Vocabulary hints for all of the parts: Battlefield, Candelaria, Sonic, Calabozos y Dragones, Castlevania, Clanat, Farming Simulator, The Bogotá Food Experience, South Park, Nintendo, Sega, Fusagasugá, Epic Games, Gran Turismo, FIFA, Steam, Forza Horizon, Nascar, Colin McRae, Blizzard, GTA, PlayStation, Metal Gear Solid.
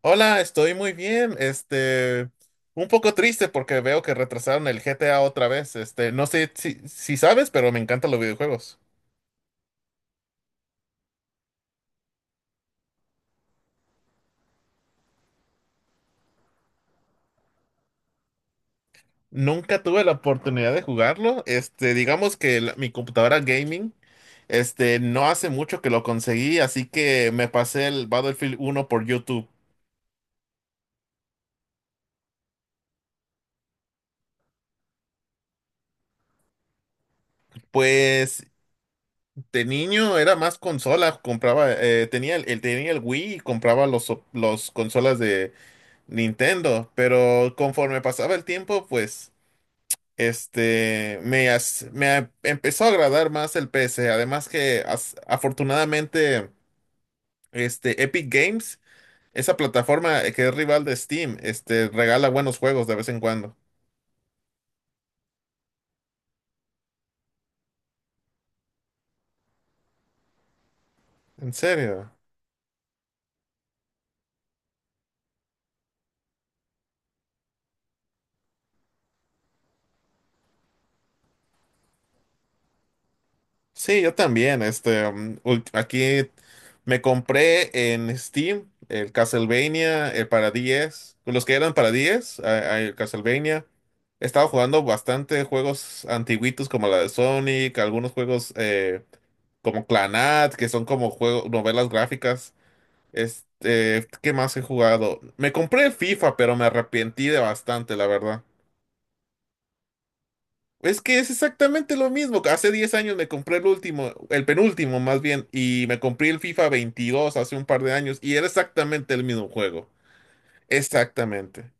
Hola, estoy muy bien. Un poco triste porque veo que retrasaron el GTA otra vez. No sé si sabes, pero me encantan los videojuegos. Nunca tuve la oportunidad de jugarlo. Digamos que mi computadora gaming, no hace mucho que lo conseguí, así que me pasé el Battlefield uno por YouTube. Pues de niño era más consola, compraba, tenía tenía el Wii y compraba los consolas Nintendo, pero conforme pasaba el tiempo, pues, este, me, as- me a- empezó a agradar más el PC. Además que, afortunadamente, Epic Games, esa plataforma que es rival de Steam, regala buenos juegos de vez en cuando. ¿En serio? Sí, yo también. Aquí me compré en Steam el Castlevania, el para 10, los que eran para 10, el Castlevania. He estado jugando bastante juegos antiguitos como la de Sonic, algunos juegos como Clanat, que son como juegos, novelas gráficas. ¿Qué más he jugado? Me compré el FIFA, pero me arrepentí de bastante, la verdad. Es que es exactamente lo mismo. Hace 10 años me compré el último, el penúltimo más bien, y me compré el FIFA 22 hace un par de años y era exactamente el mismo juego. Exactamente.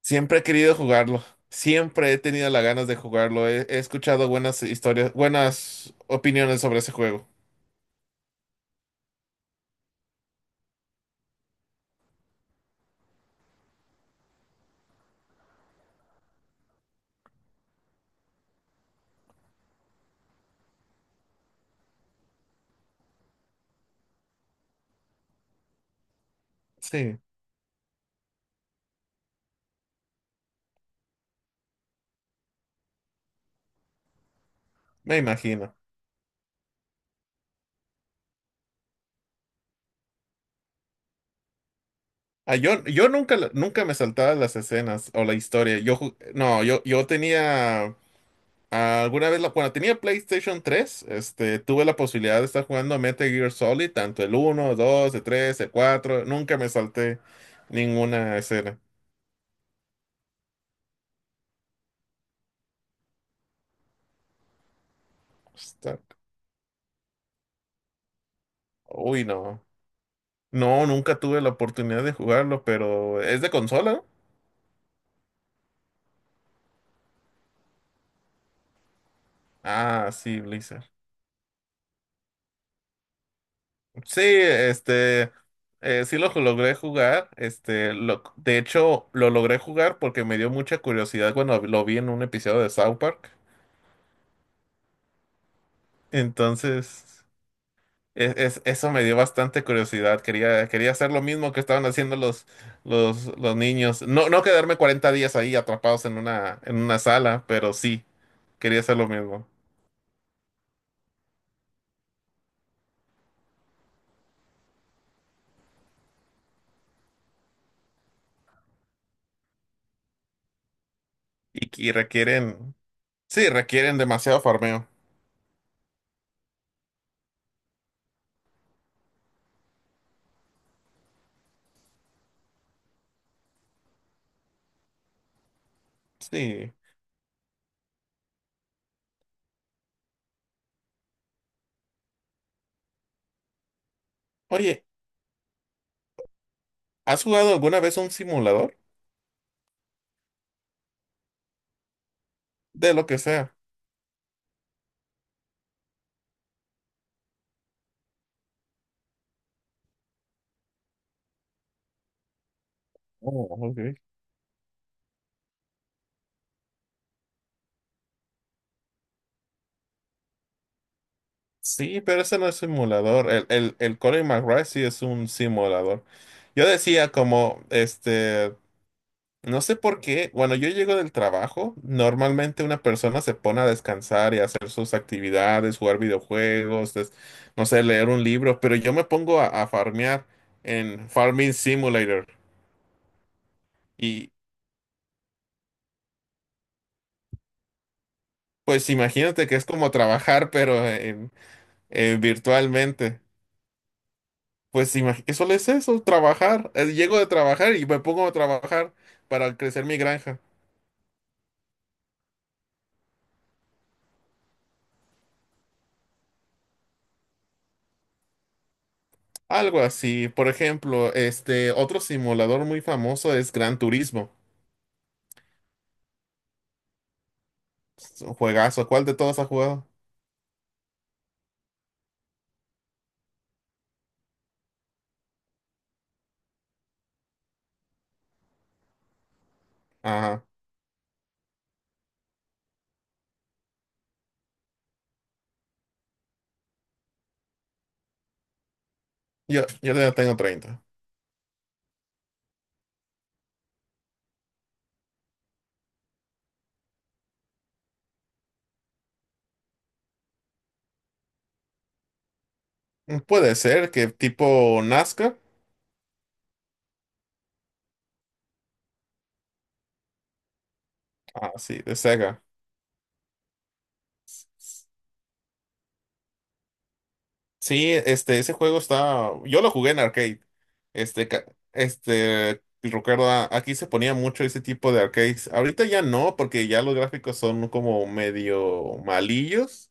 Siempre he querido jugarlo. Siempre he tenido las ganas de jugarlo. He escuchado buenas historias, buenas opiniones sobre ese juego. Sí, me imagino. Ah, yo nunca, la- nunca me saltaba las escenas o la historia. Yo, ju- no, yo tenía. Alguna vez, cuando tenía PlayStation tres, tuve la posibilidad de estar jugando Metal Gear Solid, tanto el 1, dos, el tres, el cuatro. Nunca me salté ninguna escena. Está- Uy, no. No, nunca tuve la oportunidad de jugarlo, pero es de consola, ¿no? Ah, sí, Blizzard. Sí, sí lo logré jugar. De hecho, lo logré jugar porque me dio mucha curiosidad cuando lo vi en un episodio de South Park. Entonces, eso me dio bastante curiosidad. Quería hacer lo mismo que estaban haciendo los niños. No, no quedarme 40 días ahí atrapados en una sala, pero sí, quería hacer lo mismo. Y, y requieren, sí, requieren demasiado farmeo. Sí. Oye, ¿has jugado alguna vez un simulador? De lo que sea. Oh, ok. Sí, pero ese no es simulador. El Colin McRae sí es un simulador. Yo decía como, no sé por qué, bueno, yo llego del trabajo, normalmente una persona se pone a descansar y a hacer sus actividades, jugar videojuegos, no sé, leer un libro, pero yo me pongo a farmear en Farming Simulator. Y pues imagínate que es como trabajar, pero en, virtualmente. Pues que solo es eso, trabajar. Llego de trabajar y me pongo a trabajar para crecer mi granja. Algo así. Por ejemplo, este otro simulador muy famoso es Gran Turismo. Juegazo. ¿Cuál de todos has jugado? Ajá. Yo ya tengo 30. Puede ser que tipo nascar. Ah, sí, de Sega. Sí, ese juego está. Yo lo jugué en arcade. Este, ca- recuerdo, aquí se ponía mucho ese tipo de arcades. Ahorita ya no, porque ya los gráficos son como medio malillos.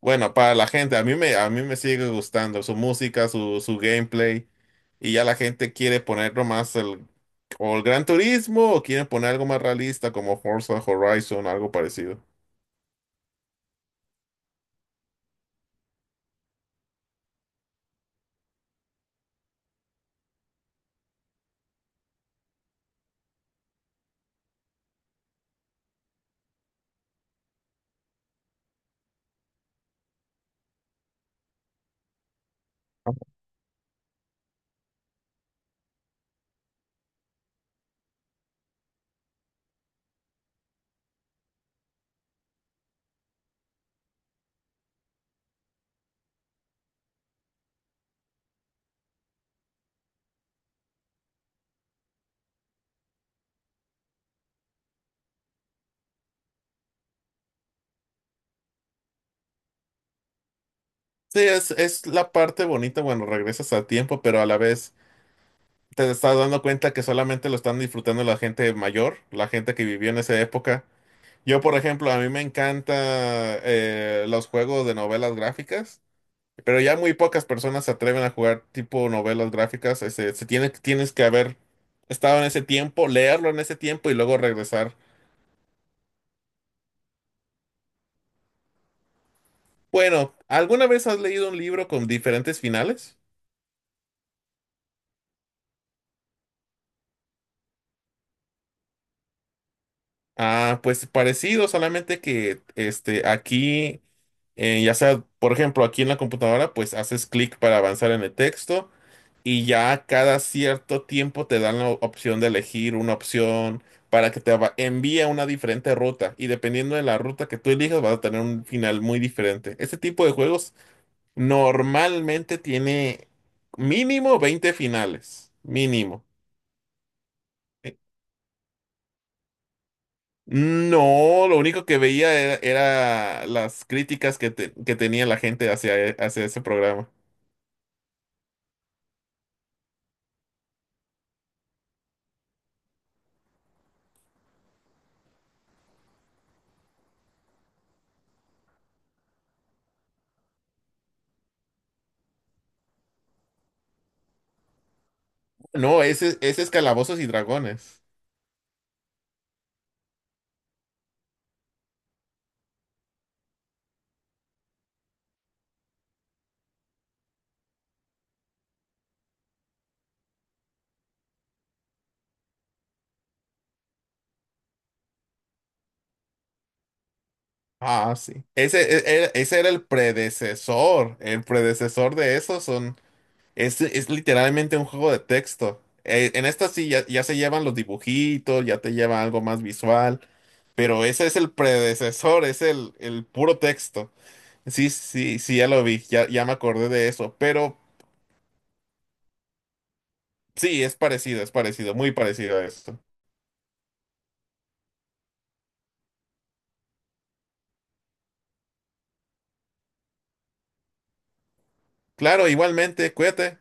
Bueno, para la gente, a mí me sigue gustando su música, su gameplay, y ya la gente quiere ponerlo más o el Gran Turismo, o quieren poner algo más realista como Forza Horizon, algo parecido. Sí, es la parte bonita, bueno, regresas a tiempo, pero a la vez te estás dando cuenta que solamente lo están disfrutando la gente mayor, la gente que vivió en esa época. Yo, por ejemplo, a mí me encanta, los juegos de novelas gráficas. Pero ya muy pocas personas se atreven a jugar tipo novelas gráficas. Ese, tienes que haber estado en ese tiempo, leerlo en ese tiempo y luego regresar. Bueno, ¿alguna vez has leído un libro con diferentes finales? Ah, pues parecido, solamente que aquí, ya sea, por ejemplo, aquí en la computadora, pues haces clic para avanzar en el texto y ya cada cierto tiempo te dan la opción de elegir una opción para que envíe a una diferente ruta y dependiendo de la ruta que tú elijas vas a tener un final muy diferente. Este tipo de juegos normalmente tiene mínimo 20 finales, mínimo. Eh, No, lo único que veía era, era las críticas que, que tenía la gente hacia, hacia ese programa. No, ese es Calabozos y Dragones. Ah, sí. Ese, ese era el predecesor. El predecesor de eso son. Es literalmente un juego de texto. En esta sí ya, ya se llevan los dibujitos, ya te lleva algo más visual. Pero ese es el predecesor, es el puro texto. Sí, sí, sí, ya lo vi, ya, ya me acordé de eso. Pero sí, es parecido, muy parecido a esto. Claro, igualmente, cuídate.